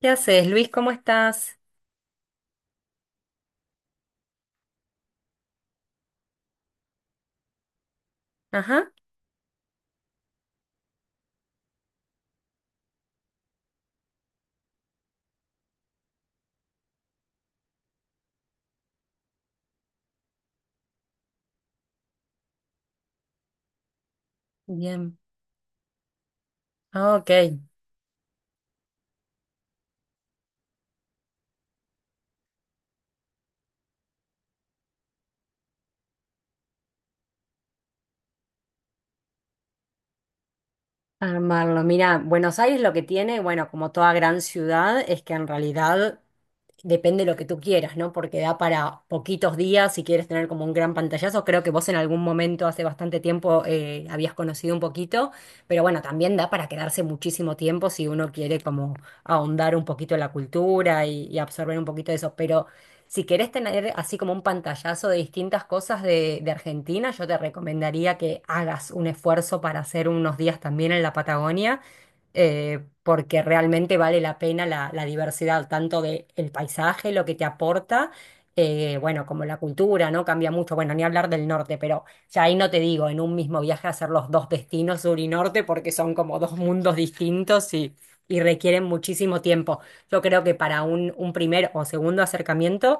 ¿Qué haces, Luis? ¿Cómo estás? Ajá, bien. Ah, Ok. Armarlo. Mira, Buenos Aires lo que tiene, bueno, como toda gran ciudad, es que en realidad depende de lo que tú quieras, ¿no? Porque da para poquitos días si quieres tener como un gran pantallazo. Creo que vos en algún momento hace bastante tiempo habías conocido un poquito, pero bueno, también da para quedarse muchísimo tiempo si uno quiere como ahondar un poquito en la cultura y absorber un poquito de eso. Pero si querés tener así como un pantallazo de distintas cosas de Argentina, yo te recomendaría que hagas un esfuerzo para hacer unos días también en la Patagonia porque realmente vale la pena la diversidad, tanto del paisaje, lo que te aporta, bueno, como la cultura, ¿no? Cambia mucho, bueno, ni hablar del norte, pero ya ahí no te digo, en un mismo viaje hacer los dos destinos, sur y norte, porque son como dos mundos distintos y requieren muchísimo tiempo. Yo creo que para un primer o segundo acercamiento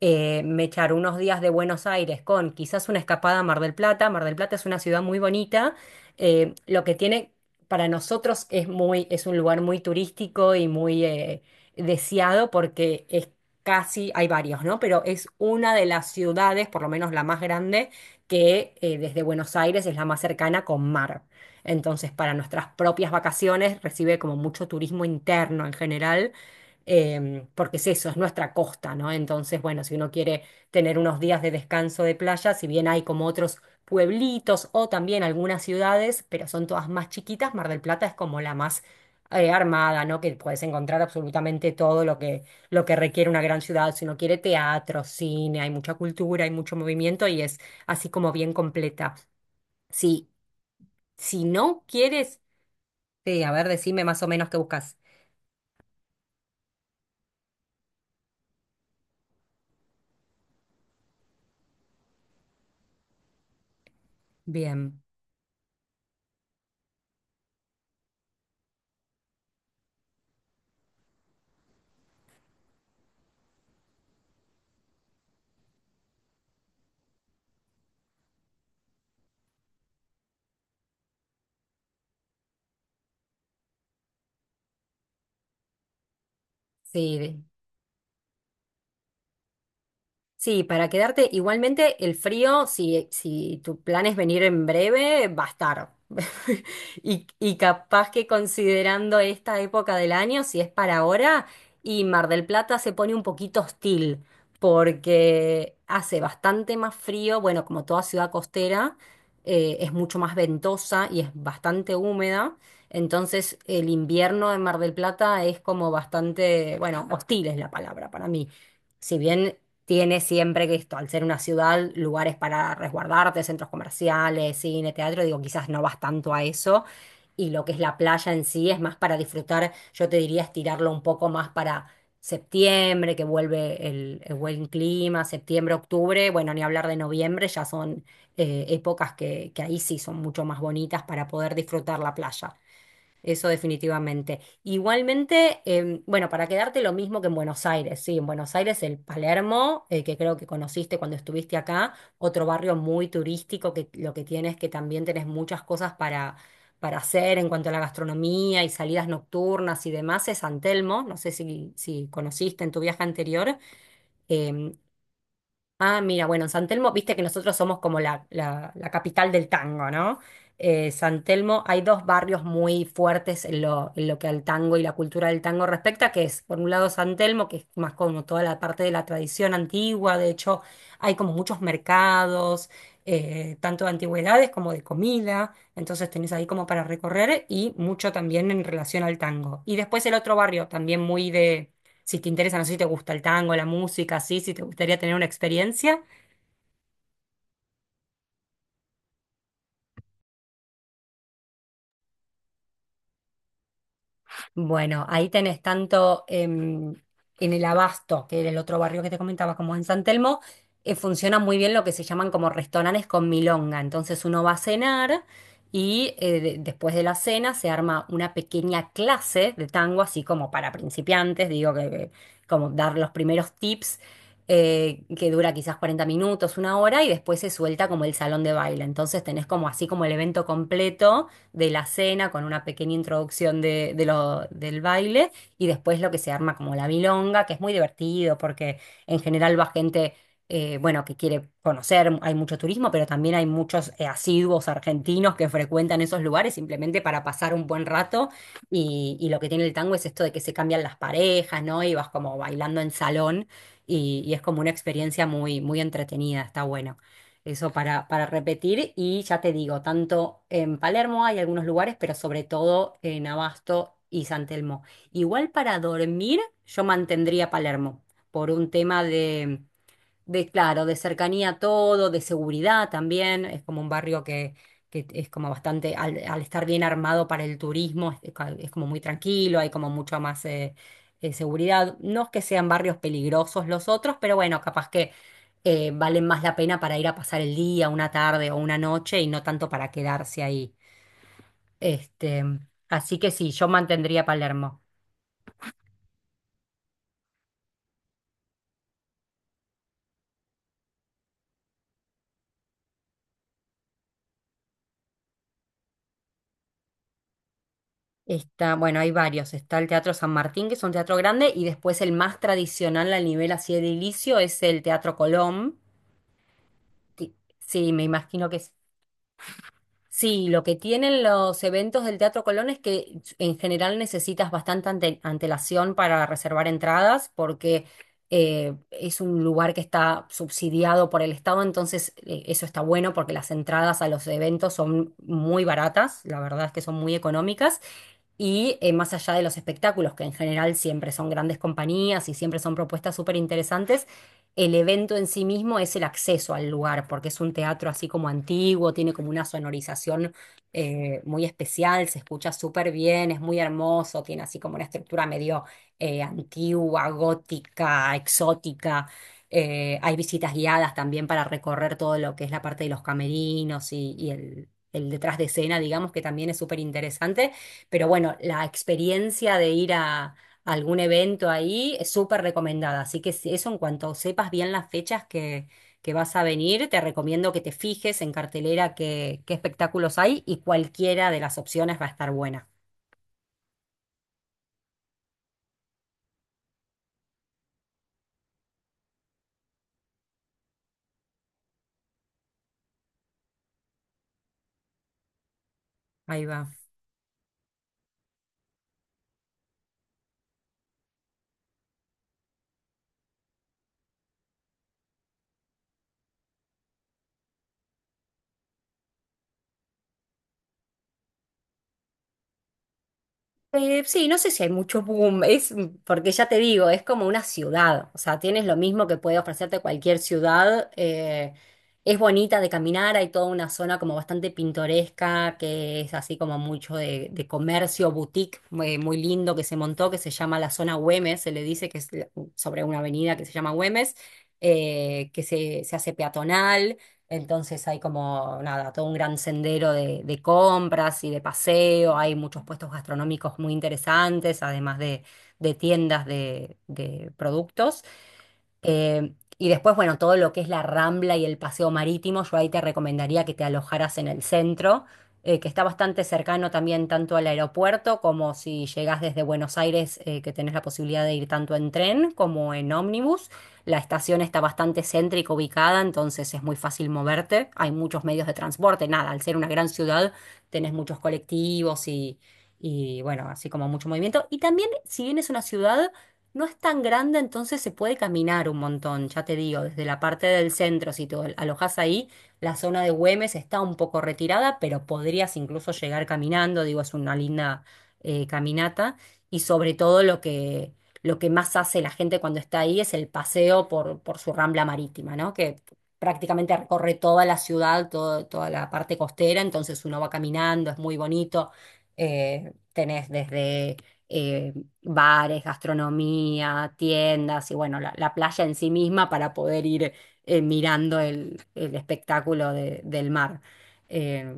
me echar unos días de Buenos Aires con quizás una escapada a Mar del Plata. Mar del Plata es una ciudad muy bonita. Lo que tiene para nosotros es muy, es un lugar muy turístico y muy deseado porque es casi, hay varios, ¿no? Pero es una de las ciudades, por lo menos la más grande, que desde Buenos Aires es la más cercana con mar. Entonces, para nuestras propias vacaciones recibe como mucho turismo interno en general porque es eso, es nuestra costa, ¿no? Entonces, bueno, si uno quiere tener unos días de descanso de playa, si bien hay como otros pueblitos o también algunas ciudades, pero son todas más chiquitas, Mar del Plata es como la más armada, ¿no? Que puedes encontrar absolutamente todo lo que requiere una gran ciudad, si uno quiere teatro, cine, hay mucha cultura, hay mucho movimiento y es así como bien completa. Si, si no quieres, sí, a ver, decime más o menos qué buscas. Bien, sí. Sí, para quedarte igualmente el frío, si tu plan es venir en breve, va a estar. Y capaz que considerando esta época del año, si es para ahora, y Mar del Plata se pone un poquito hostil, porque hace bastante más frío, bueno, como toda ciudad costera, es mucho más ventosa y es bastante húmeda, entonces el invierno en Mar del Plata es como bastante, bueno, hostil es la palabra para mí. Si bien tiene siempre que esto, al ser una ciudad, lugares para resguardarte, centros comerciales, cine, teatro, digo, quizás no vas tanto a eso. Y lo que es la playa en sí es más para disfrutar, yo te diría estirarlo un poco más para septiembre, que vuelve el buen clima, septiembre, octubre, bueno, ni hablar de noviembre, ya son épocas que ahí sí son mucho más bonitas para poder disfrutar la playa. Eso definitivamente. Igualmente, bueno, para quedarte lo mismo que en Buenos Aires, sí, en Buenos Aires el Palermo, que creo que conociste cuando estuviste acá, otro barrio muy turístico que lo que tiene es que también tenés muchas cosas para hacer en cuanto a la gastronomía y salidas nocturnas y demás, es San Telmo, no sé si conociste en tu viaje anterior, em, ah, mira, bueno, en San Telmo, viste que nosotros somos como la capital del tango, ¿no? San Telmo, hay dos barrios muy fuertes en lo que al tango y la cultura del tango respecta, que es, por un lado, San Telmo, que es más como toda la parte de la tradición antigua, de hecho, hay como muchos mercados, tanto de antigüedades como de comida, entonces tenés ahí como para recorrer y mucho también en relación al tango. Y después el otro barrio, también muy si te interesa, no sé si te gusta el tango, la música, sí, si te gustaría tener una experiencia. Bueno, ahí tenés tanto en el Abasto, que era el otro barrio que te comentaba, como en San Telmo, funciona muy bien lo que se llaman como restaurantes con milonga. Entonces uno va a cenar y después de la cena se arma una pequeña clase de tango, así como para principiantes, digo que como dar los primeros tips, que dura quizás 40 minutos, una hora, y después se suelta como el salón de baile. Entonces tenés como así como el evento completo de la cena con una pequeña introducción del baile y después lo que se arma como la milonga, que es muy divertido porque en general va gente, bueno, que quiere conocer, hay mucho turismo, pero también hay muchos asiduos argentinos que frecuentan esos lugares simplemente para pasar un buen rato y lo que tiene el tango es esto de que se cambian las parejas, ¿no? Y vas como bailando en salón y es como una experiencia muy, muy entretenida, está buena. Eso para repetir y ya te digo, tanto en Palermo hay algunos lugares, pero sobre todo en Abasto y San Telmo. Igual para dormir, yo mantendría Palermo por un tema claro, de cercanía a todo, de seguridad también. Es como un barrio que es como bastante, al estar bien armado para el turismo, es como muy tranquilo, hay como mucho más seguridad. No es que sean barrios peligrosos los otros, pero bueno, capaz que valen más la pena para ir a pasar el día, una tarde o una noche y no tanto para quedarse ahí. Este, así que sí, yo mantendría Palermo. Está, bueno, hay varios. Está el Teatro San Martín, que es un teatro grande, y después el más tradicional al nivel así edilicio es el Teatro Colón. Sí, me imagino que es. Sí, lo que tienen los eventos del Teatro Colón es que en general necesitas bastante antelación para reservar entradas, porque es un lugar que está subsidiado por el Estado, entonces eso está bueno porque las entradas a los eventos son muy baratas, la verdad es que son muy económicas. Y más allá de los espectáculos, que en general siempre son grandes compañías y siempre son propuestas súper interesantes, el evento en sí mismo es el acceso al lugar, porque es un teatro así como antiguo, tiene como una sonorización muy especial, se escucha súper bien, es muy hermoso, tiene así como una estructura medio antigua, gótica, exótica. Hay visitas guiadas también para recorrer todo lo que es la parte de los camerinos y el detrás de escena, digamos, que también es súper interesante. Pero bueno, la experiencia de ir a algún evento ahí es súper recomendada. Así que si- eso en cuanto sepas bien las fechas que vas a venir, te recomiendo que te fijes en cartelera qué espectáculos hay y cualquiera de las opciones va a estar buena. Ahí va. Sí, no sé si hay mucho boom, es porque ya te digo, es como una ciudad, o sea, tienes lo mismo que puede ofrecerte cualquier ciudad, es bonita de caminar, hay toda una zona como bastante pintoresca, que es así como mucho de comercio, boutique, muy, muy lindo que se montó, que se llama la zona Güemes, se le dice que es sobre una avenida que se llama Güemes, se hace peatonal, entonces hay como, nada, todo un gran sendero de compras y de paseo, hay muchos puestos gastronómicos muy interesantes, además de tiendas de productos. Y después, bueno, todo lo que es la Rambla y el paseo marítimo, yo ahí te recomendaría que te alojaras en el centro, que está bastante cercano también tanto al aeropuerto como si llegás desde Buenos Aires, que tenés la posibilidad de ir tanto en tren como en ómnibus. La estación está bastante céntrica ubicada, entonces es muy fácil moverte. Hay muchos medios de transporte, nada, al ser una gran ciudad, tenés muchos colectivos y bueno, así como mucho movimiento. Y también, si bien es una ciudad... No es tan grande, entonces se puede caminar un montón, ya te digo, desde la parte del centro, si te alojas ahí, la zona de Güemes está un poco retirada, pero podrías incluso llegar caminando, digo, es una linda caminata, y sobre todo lo que más hace la gente cuando está ahí es el paseo por su rambla marítima, ¿no? Que prácticamente recorre toda la ciudad, toda la parte costera, entonces uno va caminando, es muy bonito, tenés desde... eh, bares, gastronomía, tiendas y bueno, la playa en sí misma para poder ir mirando el espectáculo del mar. Eh,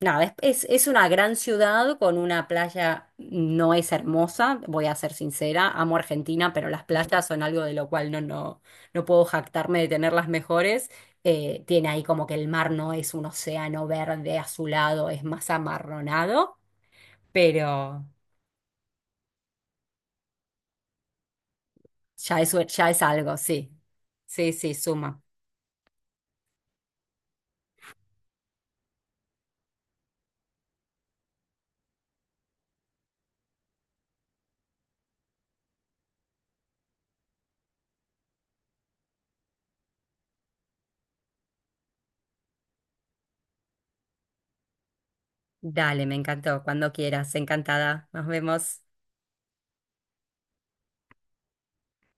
nada, es una gran ciudad con una playa, no es hermosa, voy a ser sincera, amo Argentina, pero las playas son algo de lo cual no puedo jactarme de tener las mejores. Tiene ahí como que el mar no es un océano verde azulado, es más amarronado, pero... Ya es, ya es algo, sí. Sí, sí, suma. Dale, me encantó. Cuando quieras, encantada. Nos vemos.